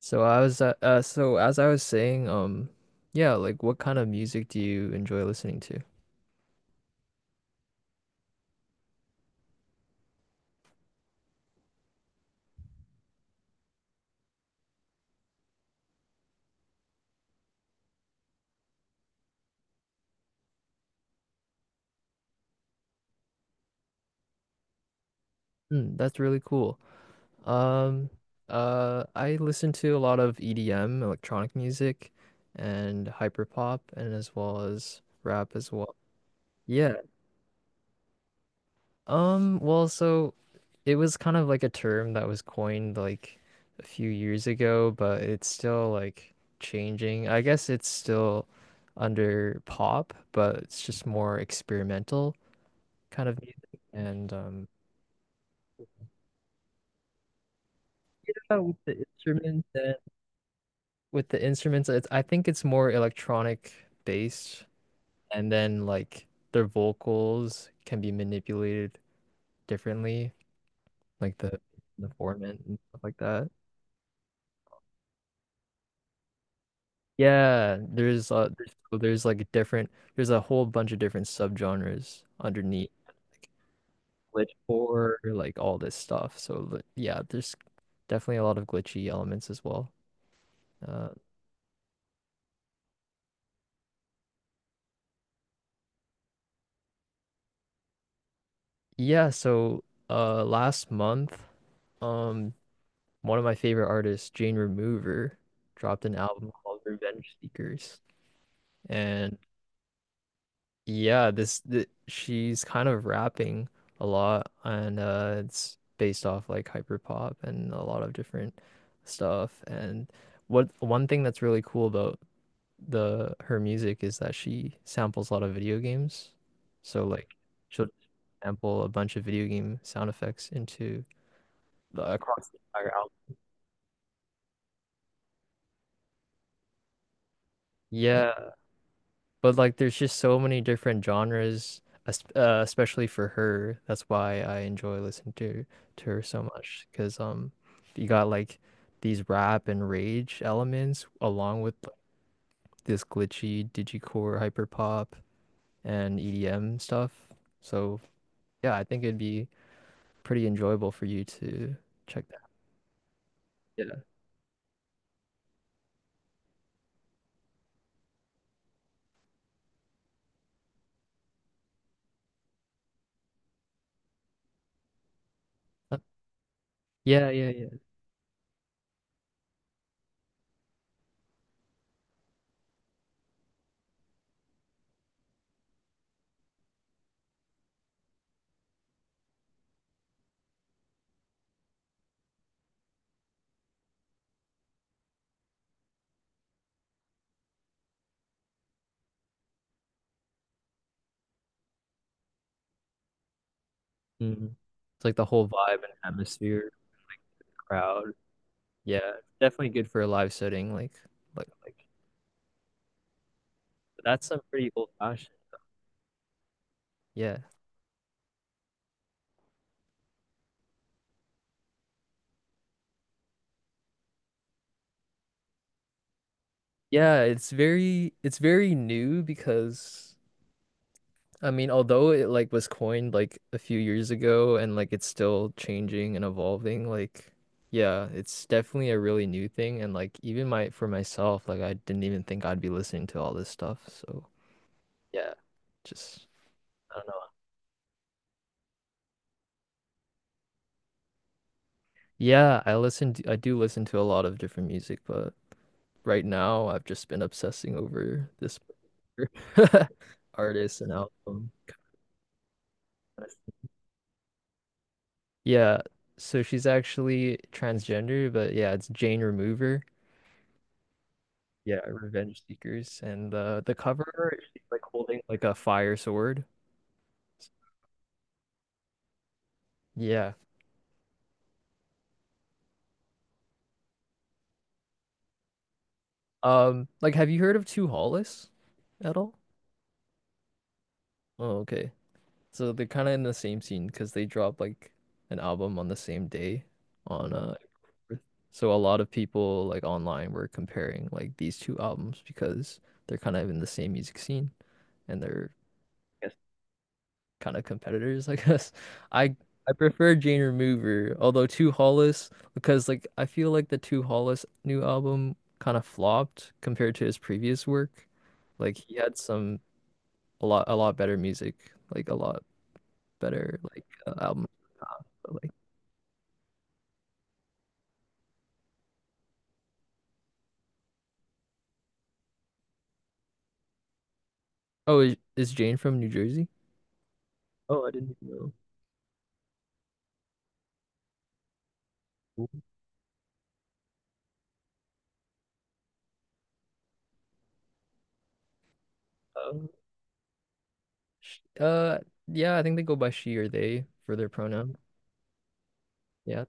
So as I was saying, yeah, like what kind of music do you enjoy listening to? Hmm, that's really cool. Um I listen to a lot of EDM, electronic music and hyperpop and as well as rap as well. Yeah. Well, so it was kind of like a term that was coined like a few years ago, but it's still like changing. I guess it's still under pop, but it's just more experimental kind of music. And, yeah, with the instruments, I think it's more electronic based, and then like their vocals can be manipulated differently, like the format and stuff like that. Yeah, there's, so there's like different there's a whole bunch of different subgenres underneath like glitch horror, like all this stuff. So yeah, there's definitely a lot of glitchy elements as well. Uh yeah, so last month, um one of my favorite artists, Jane Remover, dropped an album called Revenge Seekers. And yeah, this th she's kind of rapping a lot and it's based off like hyper pop and a lot of different stuff. And what one thing that's really cool about the her music is that she samples a lot of video games. So like she'll sample a bunch of video game sound effects into the across the entire album. Yeah. But like, there's just so many different genres, especially for her. That's why I enjoy listening to her so much, because you got like these rap and rage elements along with like, this glitchy digicore hyperpop and EDM stuff. So yeah, I think it'd be pretty enjoyable for you to check that. Yeah. Uh, Yeah, yeah, yeah. Mhm. It's like the whole vibe and atmosphere, crowd. Yeah, definitely good for a live setting, like like that's some pretty old fashioned. Yeah. Yeah, it's very new because I mean, although it like was coined like a few years ago and like it's still changing and evolving, like yeah, it's definitely a really new thing and like even my for myself, like I didn't even think I'd be listening to all this stuff. So, yeah, just I don't know. Yeah, I do listen to a lot of different music, but right now I've just been obsessing over this artist and album. Yeah, so she's actually transgender, but yeah, it's Jane Remover. Yeah, Revenge Seekers, and the cover art, she's like holding like a fire sword. Yeah. Like, have you heard of Two Hollis at all? Oh, okay. So they're kind of in the same scene because they dropped like an album on the same day on April 4th. So a lot of people like online were comparing like these two albums because they're kind of in the same music scene and they're kind of competitors, I guess. I I prefer Jane Remover, although Two Hollis, because like I feel like the Two Hollis new album kind of flopped compared to his previous work. Like he had some a lot better music, like a lot better album. Like oh, is Jane from New Jersey? Oh, I didn't know. Cool. Uh, sh- uh, yeah, I think they go by she or they for their pronoun. Yeah.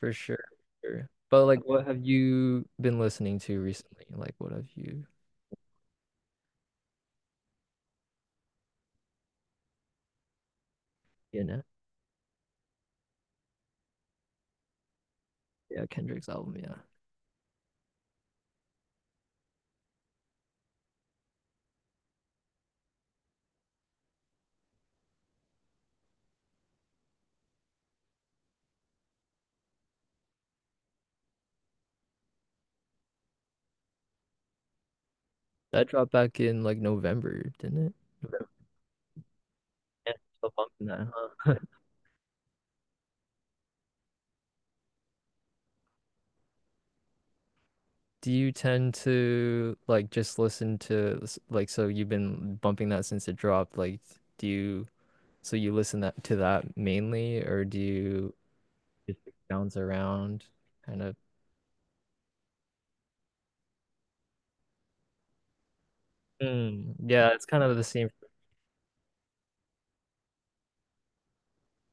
For sure. Sure. But like what have you been listening to recently? Like what have you, you know? Yeah, Kendrick's album, yeah. That dropped back in like November, didn't it? November. Yeah, still bumping that, huh? Do you tend to like just listen to like so you've been bumping that since it dropped, like do you so you listen that to that mainly or do you just like, bounce around kind of. Mm, yeah, it's kind of the same.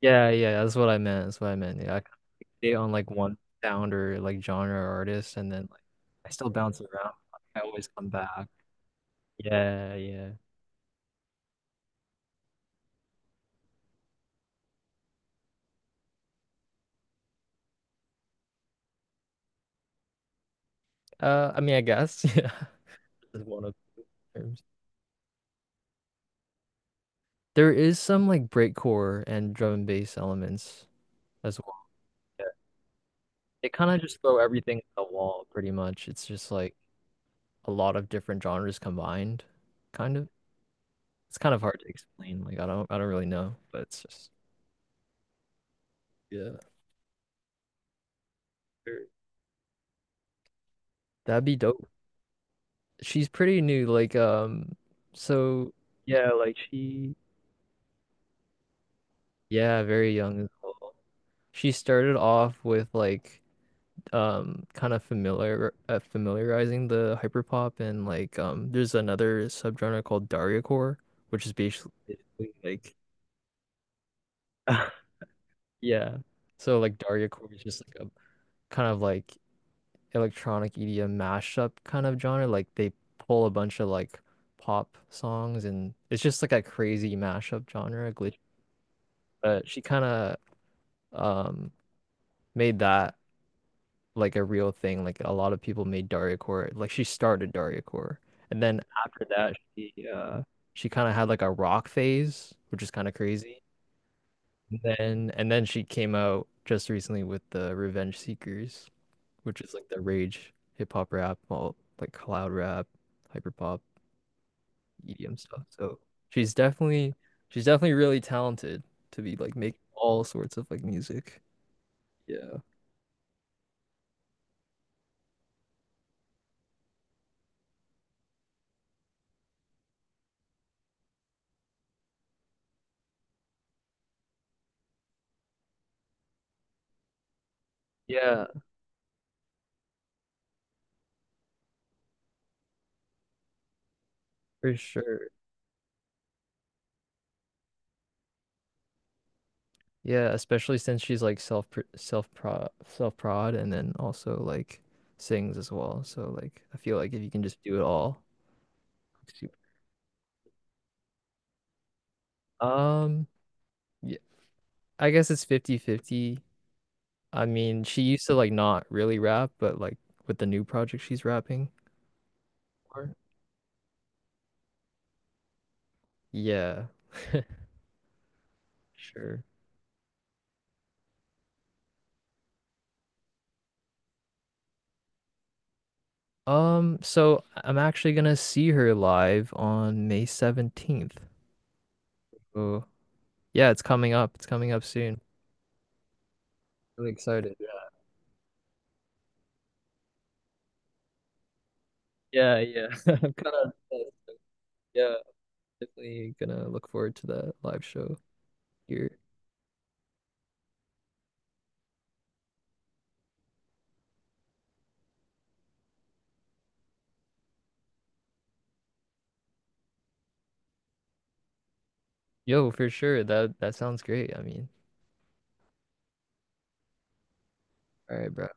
Yeah, yeah, that's what I meant. That's what I meant. Yeah, I kinda stay on like one sound or like genre or artist, and then like I still bounce around. I always come back. Yeah, yeah. I mean, I guess yeah, is one of the terms. There is some like breakcore and drum and bass elements as well. Yeah. They kind of just throw everything at the wall, pretty much. It's just like a lot of different genres combined, kind of. It's kind of hard to explain. Like I don't really know, but it's just yeah. Sure. That'd be dope. She's pretty new. Like, so yeah, yeah, very young as well. She started off with like, kind of familiarizing the hyperpop and like, there's another subgenre called Dargacore, which is basically like, yeah. So like Dargacore is just like a kind of like electronic EDM mashup kind of genre. Like they pull a bunch of like pop songs and it's just like a crazy mashup genre, glitchy but she kind of um made that like a real thing. Like a lot of people made Dariocore. Like she started Dariocore, and then after that, she kind of had like a rock phase, which is kind of crazy. And then she came out just recently with the Revenge Seekers, which is like the rage hip hop rap, well like cloud rap, hyper pop, EDM stuff. So she's definitely she's definitely really talented to be like making all sorts of like music. Yeah. Yeah. For sure. Yeah, especially since she's like self prod and then also like sings as well. So like I feel like if you can just do it all. super- Um yeah, I guess it's 50 50. I mean, she used to like not really rap, but like with the new project she's rapping for. Yeah, sure. So I'm actually gonna see her live on May 17th. Oh, yeah, it's coming up. It's coming up soon. Really excited. Yeah, yeah. I'm kind of Yeah, definitely gonna look forward to that live show here. Yo, for sure. That sounds great. I mean, all right, bro.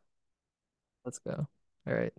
Let's go. All right.